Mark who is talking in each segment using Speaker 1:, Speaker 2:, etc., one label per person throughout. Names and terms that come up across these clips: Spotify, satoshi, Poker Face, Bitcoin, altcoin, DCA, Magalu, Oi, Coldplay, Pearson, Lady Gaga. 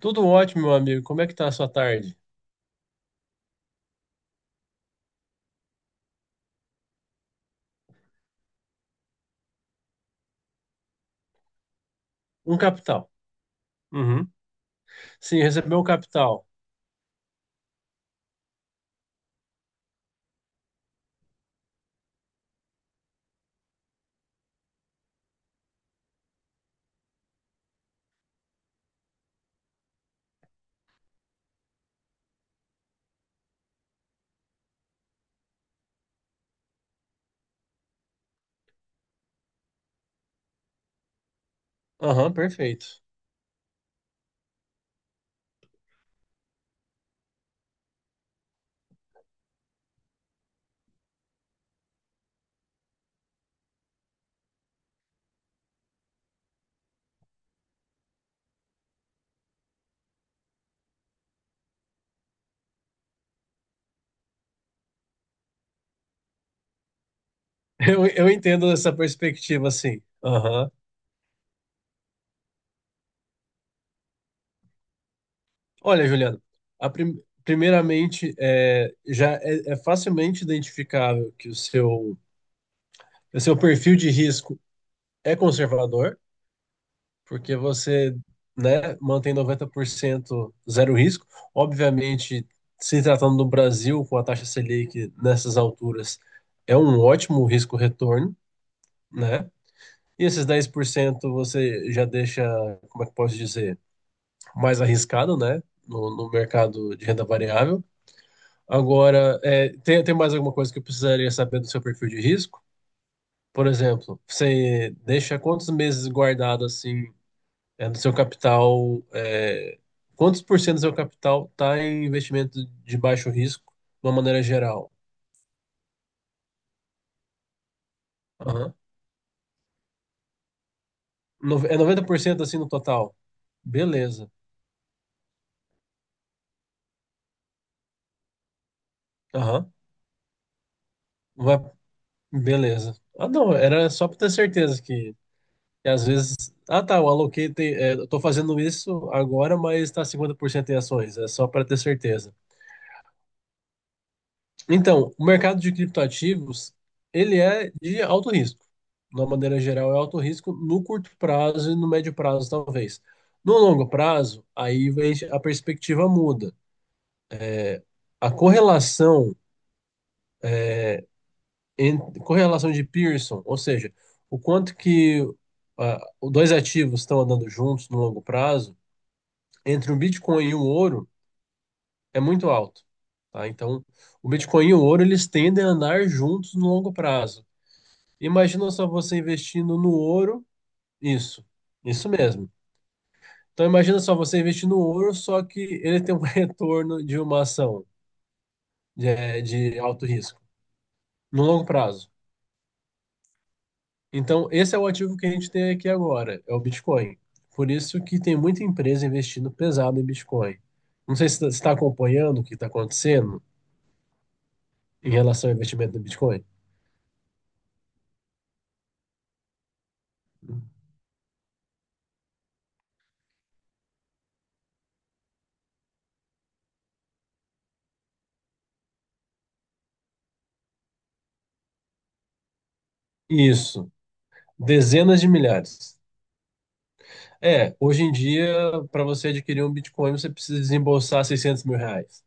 Speaker 1: Tudo ótimo, meu amigo. Como é que tá a sua tarde? Um capital. Uhum. Sim, recebeu um capital. Aham, perfeito. Eu entendo essa perspectiva, sim. Aham. Olha, Juliano, primeiramente, é facilmente identificável que o seu perfil de risco é conservador. Porque você, né, mantém 90% zero risco. Obviamente, se tratando do Brasil, com a taxa Selic nessas alturas, é um ótimo risco-retorno, né? E esses 10% você já deixa, como é que eu posso dizer, mais arriscado, né? No mercado de renda variável. Agora, é, tem mais alguma coisa que eu precisaria saber do seu perfil de risco? Por exemplo, você deixa quantos meses guardado assim é, do seu capital, é, quantos por cento do seu capital está em investimento de baixo risco, de uma maneira geral? Aham. É 90% assim no total? Beleza. Aham. Vai- Beleza. Ah, não, era só para ter certeza que às vezes. Ah, tá, eu aloquei, tem, é, eu tô fazendo isso agora, mas está 50% em ações. É só para ter certeza. Então, o mercado de criptoativos, ele é de alto risco. De uma maneira geral, é alto risco no curto prazo e no médio prazo, talvez. No longo prazo, a perspectiva muda. A correlação, en- correlação de Pearson, ou seja, o quanto que os dois ativos estão andando juntos no longo prazo, entre o Bitcoin e o ouro, é muito alto. Tá? Então, o Bitcoin e o ouro, eles tendem a andar juntos no longo prazo. Imagina só você investindo no ouro. Isso, isso mesmo. Então imagina só você investir no ouro, só que ele tem um retorno de uma ação de alto risco, no longo prazo. Então esse é o ativo que a gente tem aqui agora, é o Bitcoin. Por isso que tem muita empresa investindo pesado em Bitcoin. Não sei se você está acompanhando o que está acontecendo em relação ao investimento no Bitcoin. Isso, dezenas de milhares. É, hoje em dia, para você adquirir um Bitcoin, você precisa desembolsar R$ 600.000.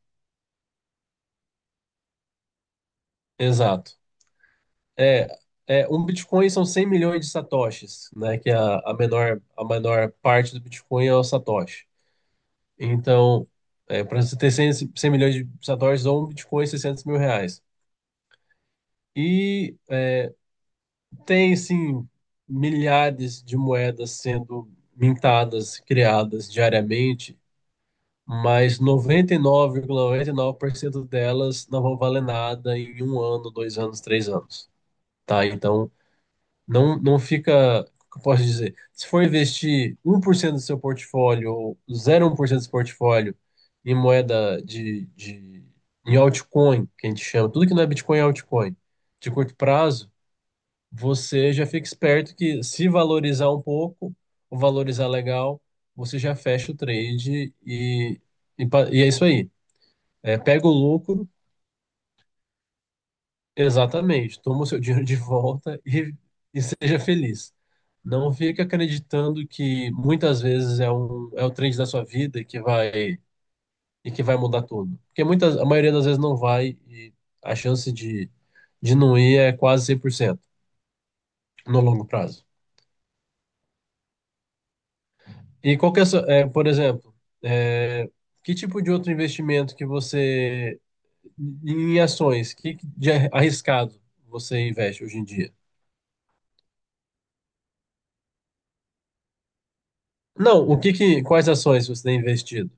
Speaker 1: Exato. É, um Bitcoin são 100 milhões de satoshis, né? Que é a menor parte do Bitcoin é o satoshi. Então, para você ter cem milhões de satoshis ou um Bitcoin, R$ 600.000. E tem, sim, milhares de moedas sendo mintadas, criadas diariamente, mas noventa e nove vírgula 99,99% delas não vão valer nada em um ano, 2 anos, 3 anos, tá? Então, não, não fica, o que eu posso dizer, se for investir 1% do seu portfólio ou 0,1% do seu portfólio em moeda em altcoin, que a gente chama, tudo que não é Bitcoin é altcoin, de curto prazo, você já fica esperto que se valorizar um pouco, ou valorizar legal, você já fecha o trade e é isso aí. É, pega o lucro, exatamente, toma o seu dinheiro de volta e seja feliz. Não fica acreditando que muitas vezes é o trend da sua vida e que vai mudar tudo. Porque a maioria das vezes não vai e a chance de não ir é quase 100% no longo prazo. E qual que é, a sua- é, por exemplo, é, que tipo de outro investimento que você, em ações, que de arriscado você investe hoje em dia? Não, o que que, quais ações você tem investido?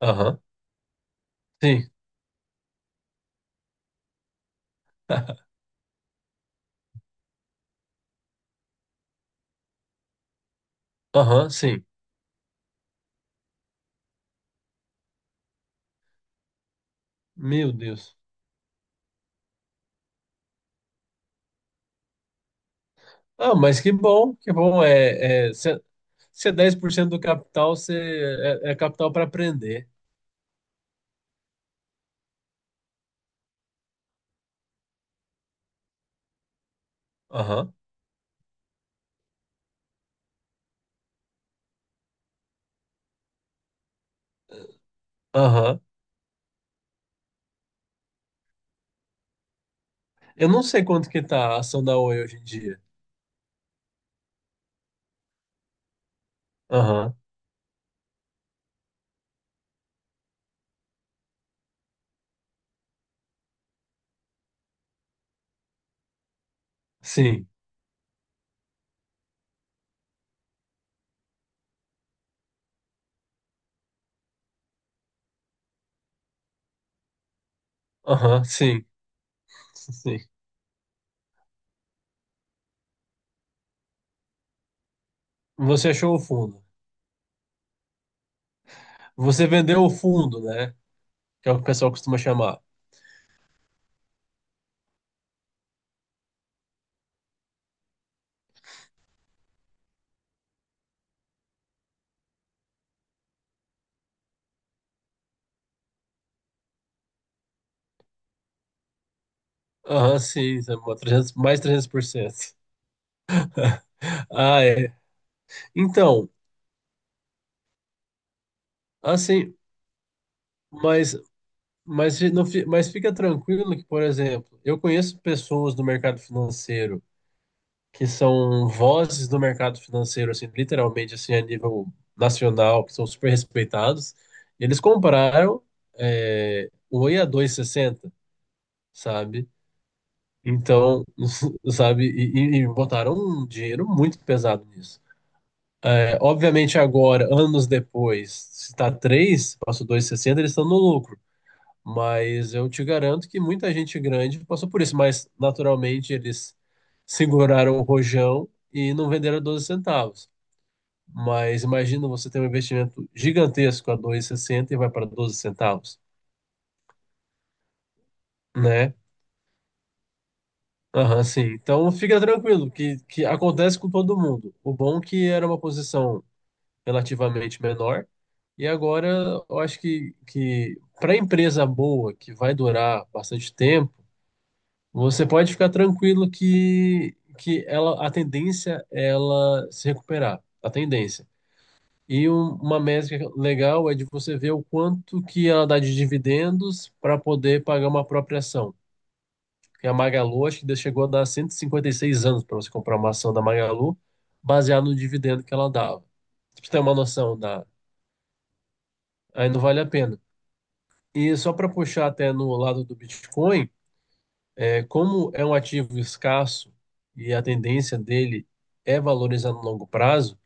Speaker 1: Aham, sim. Aham, sim. Meu Deus. Ah, mas que bom, que bom. Se é 10% do capital, você é capital para aprender. Aham, aham. Eu não sei quanto que tá a ação da Oi hoje em dia. Aham, sim. Aham, sim. Sim. Você achou o fundo. Você vendeu o fundo, né? Que é o que o pessoal costuma chamar. Aham, sim. Isso é uma 300, mais 300%. Ah, é. Então, assim, Mas, mas, fi- não, fi- mas fica tranquilo que, por exemplo, eu conheço pessoas do mercado financeiro que são vozes do mercado financeiro, assim, literalmente, assim, a nível nacional, que são super respeitados. Eles compraram é, o Oi a 2,60, sabe? Então, sabe, e botaram um dinheiro muito pesado nisso. É, obviamente agora, anos depois, se está 3, passou 2,60, eles estão no lucro. Mas eu te garanto que muita gente grande passou por isso, mas naturalmente eles seguraram o rojão e não venderam 12 centavos. Mas imagina você ter um investimento gigantesco a 2,60 e sessenta e vai para 12 centavos, né? Aham, sim. Então fica tranquilo, que acontece com todo mundo. O bom é que era uma posição relativamente menor, e agora eu acho que para empresa boa, que vai durar bastante tempo, você pode ficar tranquilo que ela, a tendência é ela se recuperar, a tendência. E uma métrica legal é de você ver o quanto que ela dá de dividendos para poder pagar uma própria ação. Porque a Magalu, acho que chegou a dar cento e 56 anos para você comprar uma ação da Magalu, baseado no dividendo que ela dava. Pra você tem uma noção da... Aí não vale a pena. E só para puxar até no lado do Bitcoin, é, como é um ativo escasso e a tendência dele é valorizar no longo prazo,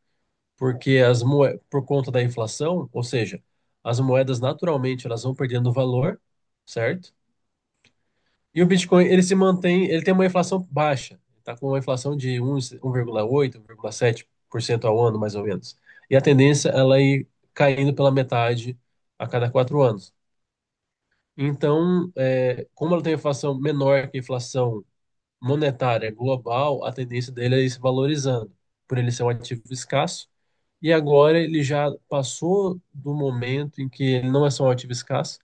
Speaker 1: porque por conta da inflação, ou seja, as moedas naturalmente elas vão perdendo valor, certo? E o Bitcoin, ele se mantém, ele tem uma inflação baixa, está com uma inflação de 1, 1,8, 1,7% ao ano, mais ou menos. E a tendência ela ir caindo pela metade a cada 4 anos. Então, é, como ela tem inflação menor que a inflação monetária é global, a tendência dele é ir se valorizando, por ele ser um ativo escasso. E agora ele já passou do momento em que ele não é só um ativo escasso,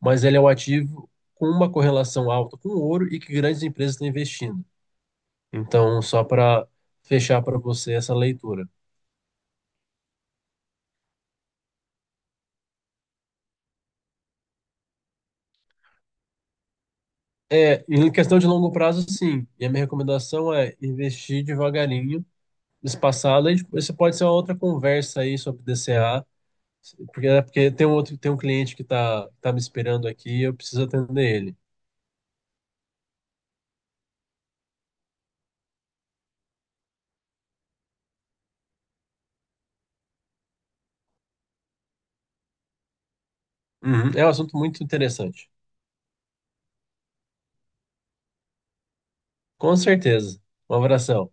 Speaker 1: mas ele é um ativo com uma correlação alta com o ouro e que grandes empresas estão investindo. Então, só para fechar para você essa leitura. É, em questão de longo prazo, sim. E a minha recomendação é investir devagarinho, espaçado. Isso pode ser uma outra conversa aí sobre DCA, porque, é porque tem um outro, tem um cliente que tá me esperando aqui e eu preciso atender ele. Uhum, é um assunto muito interessante. Com certeza. Um abração.